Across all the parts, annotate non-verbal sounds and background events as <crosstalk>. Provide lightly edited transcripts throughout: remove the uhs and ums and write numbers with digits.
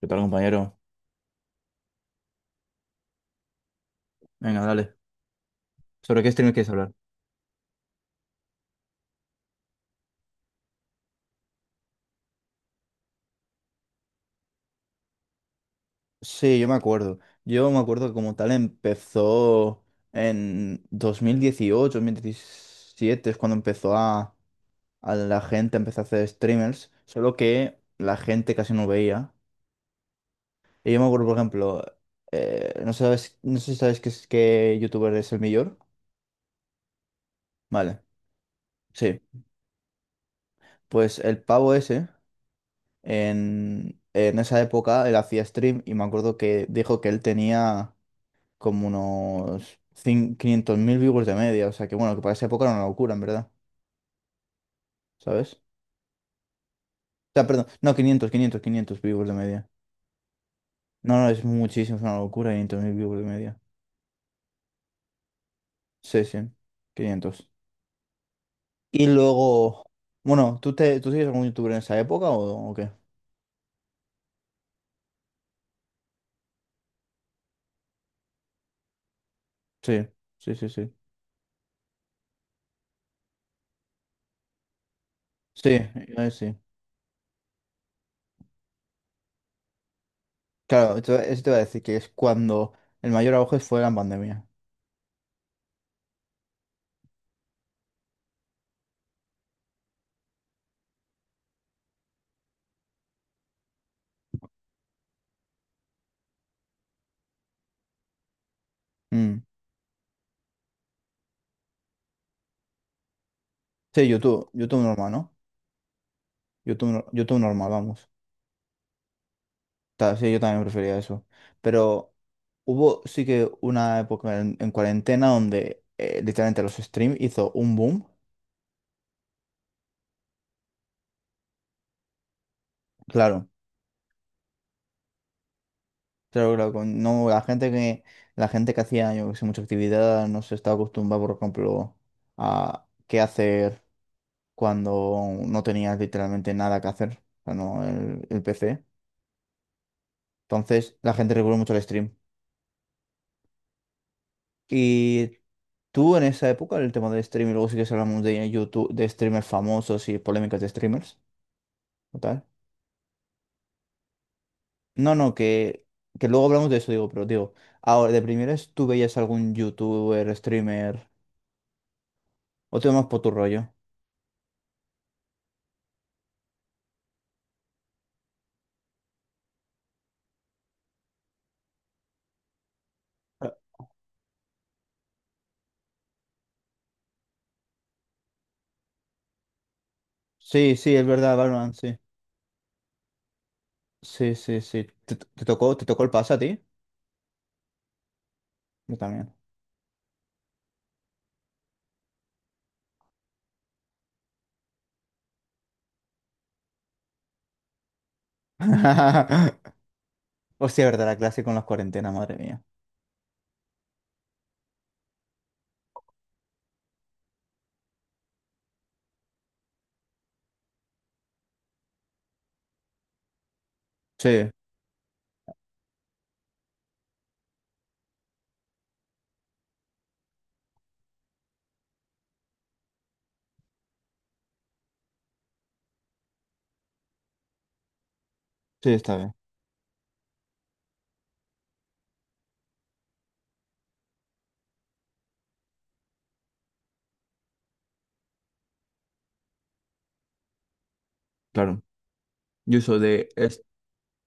¿Qué tal, compañero? Venga, dale. ¿Sobre qué streamer quieres hablar? Sí, yo me acuerdo. Yo me acuerdo que como tal empezó en dos mil dieciocho 2017 es cuando empezó a la gente empezó a hacer streamers, solo que la gente casi no veía. Y yo me acuerdo, por ejemplo, no sabes, no sé si sabes qué youtuber es el mayor. Vale, sí. Pues el pavo ese, en esa época, él hacía stream y me acuerdo que dijo que él tenía... como unos 500.000 viewers de media. O sea que bueno, que para esa época era una locura, en verdad. ¿Sabes? O sea, perdón. No, quinientos viewers de media. No, no, es muchísimo, es una locura, 500.000 viewers de media. Sí, sí, 500. Y luego, bueno, ¿tú sigues algún youtuber en esa época o qué? Sí, sí, sí, sí. Sí, sí. Claro, eso te iba a decir que es cuando el mayor auge fue la pandemia. Mm. Sí, YouTube, YouTube normal, ¿no? YouTube, YouTube normal, vamos. Sí, yo también prefería eso. Pero hubo sí que una época en cuarentena donde literalmente los streams hizo un boom. Claro, claro, claro. No, la gente que hacía, yo que sé, mucha actividad no se estaba acostumbrada, por ejemplo, a qué hacer cuando no tenías literalmente nada que hacer. O sea, no, el PC. Entonces, la gente recurrió mucho al stream. Y tú en esa época, el tema del stream, y luego sí que se hablamos de YouTube, de streamers famosos y polémicas de streamers. Total. No, no, que luego hablamos de eso, digo, pero digo, ahora, de primeras, ¿tú veías algún youtuber, streamer? ¿O te vas por tu rollo? Ah. Sí, sí, es verdad, Valorant, sí. Sí, sí, sí. ¿Te tocó, te tocó el pase a ti? Yo también. <laughs> Hostia, verdad, la clase con las cuarentenas, madre mía. Sí, sí, está bien. Claro. Yo uso de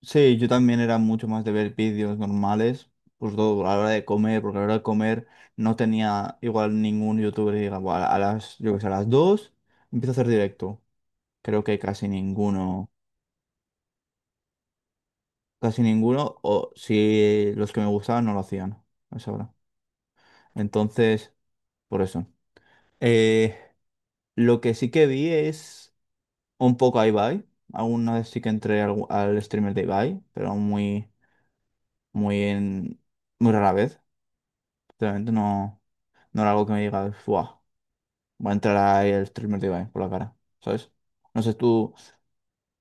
sí, yo también era mucho más de ver vídeos normales, pues todo a la hora de comer, porque a la hora de comer no tenía igual ningún youtuber que diga, "Buah, a las, yo que sé, a las 2 empiezo a hacer directo. Creo que casi ninguno, o si los que me gustaban no lo hacían a esa hora. Entonces, por eso. Eh, lo que sí que vi es un poco a Ibai. Alguna vez sí que entré al streamer de Ibai, pero muy, muy en, muy rara vez. Realmente no. No era algo que me diga wow. Va a entrar ahí el streamer de Ibai por la cara, ¿sabes? No sé tú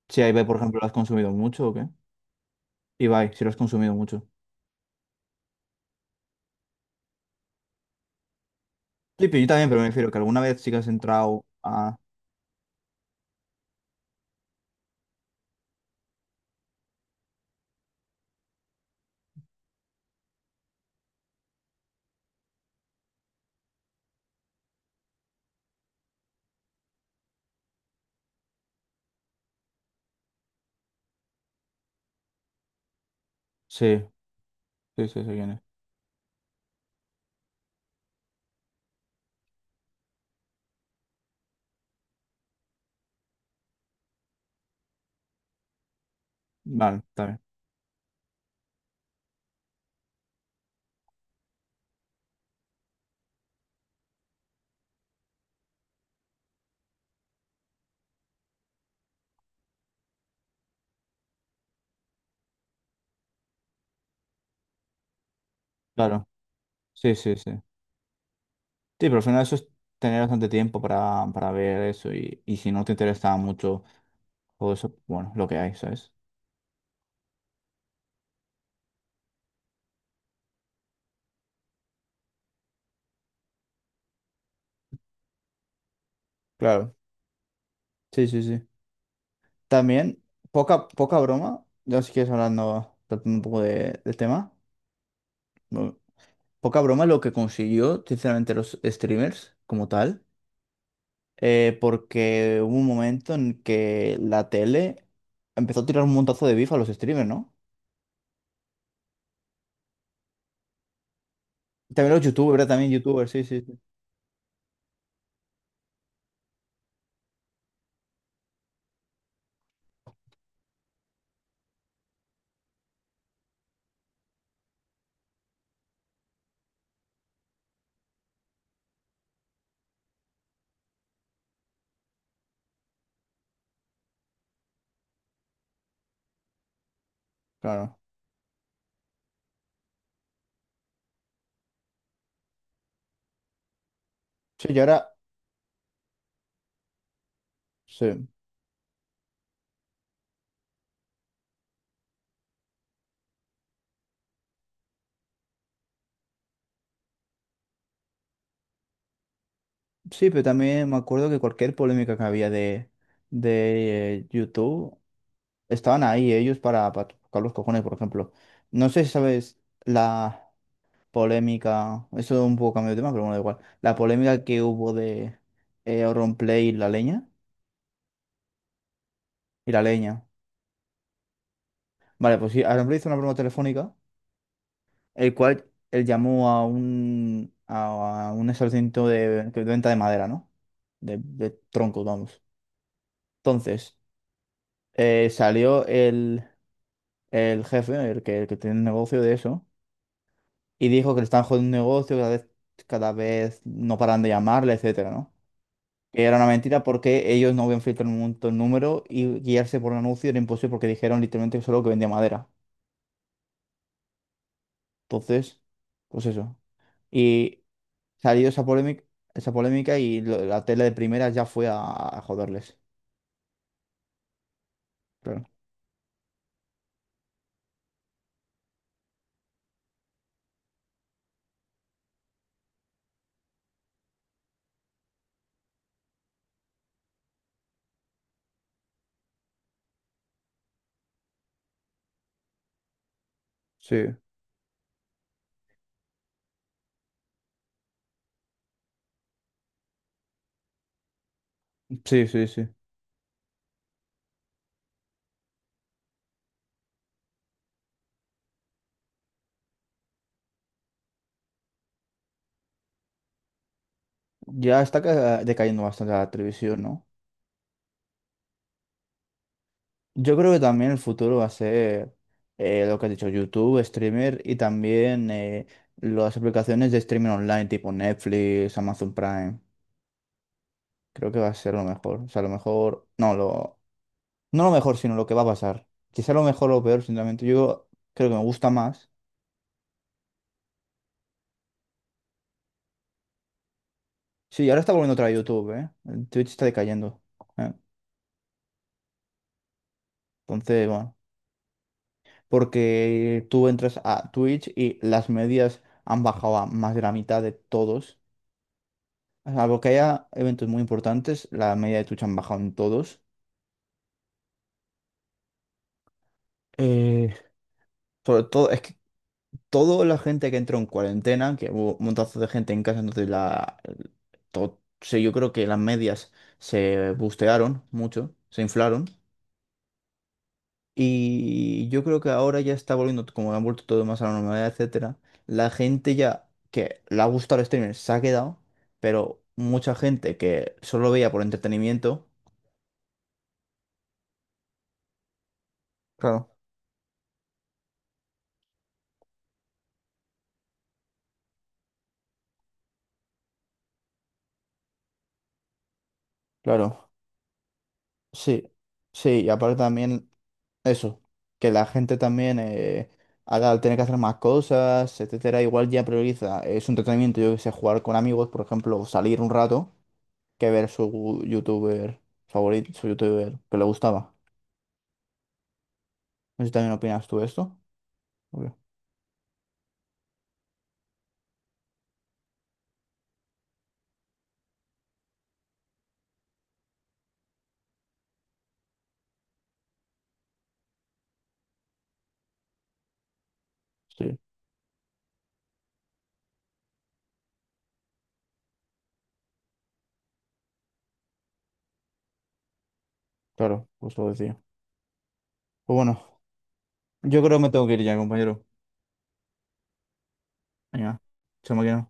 si a Ibai, por ejemplo, lo has consumido mucho o qué. Ibai, si lo has consumido mucho. Sí, pero yo también, pero me refiero que alguna vez sí que has entrado a... Sí, sí, sí, sí, quién es. Vale, está bien. Claro, sí, sí, sí. Sí, pero al final eso es tener bastante tiempo para ver eso y si no te interesa mucho todo eso, bueno, lo que hay, ¿sabes? Claro, sí, sí, sí. También, poca, poca broma, ya si quieres hablando, tratando un poco del tema. No, poca broma lo que consiguió, sinceramente, los streamers como tal, porque hubo un momento en que la tele empezó a tirar un montazo de bif a los streamers, ¿no? También los youtubers, ¿verdad? También youtubers, sí, sí, sí, claro. Sí, y ahora, sí, sí, pero también me acuerdo que cualquier polémica que había de YouTube, estaban ahí ellos para tocar los cojones, por ejemplo. No sé si sabes la... polémica, eso es un poco cambio de tema, pero bueno, da igual. La polémica que hubo de Auronplay y la leña. Y la leña. Vale, pues sí, Auronplay hizo una broma telefónica, el cual él llamó a a un establecimiento de venta de madera, ¿no? De troncos, vamos. Entonces, salió el jefe, el que tiene el negocio de eso, y dijo que le están jodiendo un negocio, cada vez no paran de llamarle, etcétera, ¿no? Que era una mentira porque ellos no habían filtrado un montón de número y guiarse por un anuncio era imposible porque dijeron literalmente solo que vendía madera. Entonces, pues eso. Y salió esa polémica, la tele de primera ya fue a joderles. Claro. Sí, sí, sí, sí. Ya está decayendo bastante la televisión, ¿no? Yo creo que también el futuro va a ser lo que has dicho, YouTube, streamer y también las aplicaciones de streaming online tipo Netflix, Amazon Prime. Creo que va a ser lo mejor. O sea, lo mejor. No, lo. No lo mejor, sino lo que va a pasar. Quizá lo mejor o lo peor, sinceramente. Yo creo que me gusta más. Sí, ahora está volviendo otra vez YouTube, ¿eh? El Twitch está decayendo. ¿Eh? Entonces, bueno. Porque tú entras a Twitch y las medias han bajado a más de la mitad de todos. Salvo que haya eventos muy importantes, la media de Twitch han bajado en todos. Eh, sobre todo, es que toda la gente que entró en cuarentena, que hubo un montazo de gente en casa, entonces sí, yo creo que las medias se bustearon mucho, se inflaron. Y yo creo que ahora ya está volviendo, como han vuelto todo más a la normalidad, etcétera. La gente ya que le ha gustado el streaming se ha quedado, pero mucha gente que solo lo veía por entretenimiento. Claro, claro, sí, sí, y aparte también. Eso, que la gente también, ahora al tener que hacer más cosas, etcétera, igual ya prioriza, es un entretenimiento, yo que sé, jugar con amigos, por ejemplo, o salir un rato, que ver su youtuber favorito, su youtuber que le gustaba. No sé si también opinas tú de esto. Obvio. Sí, claro, pues lo decía. Pues bueno, yo creo que me tengo que ir ya, compañero. Venga, chao, máquina.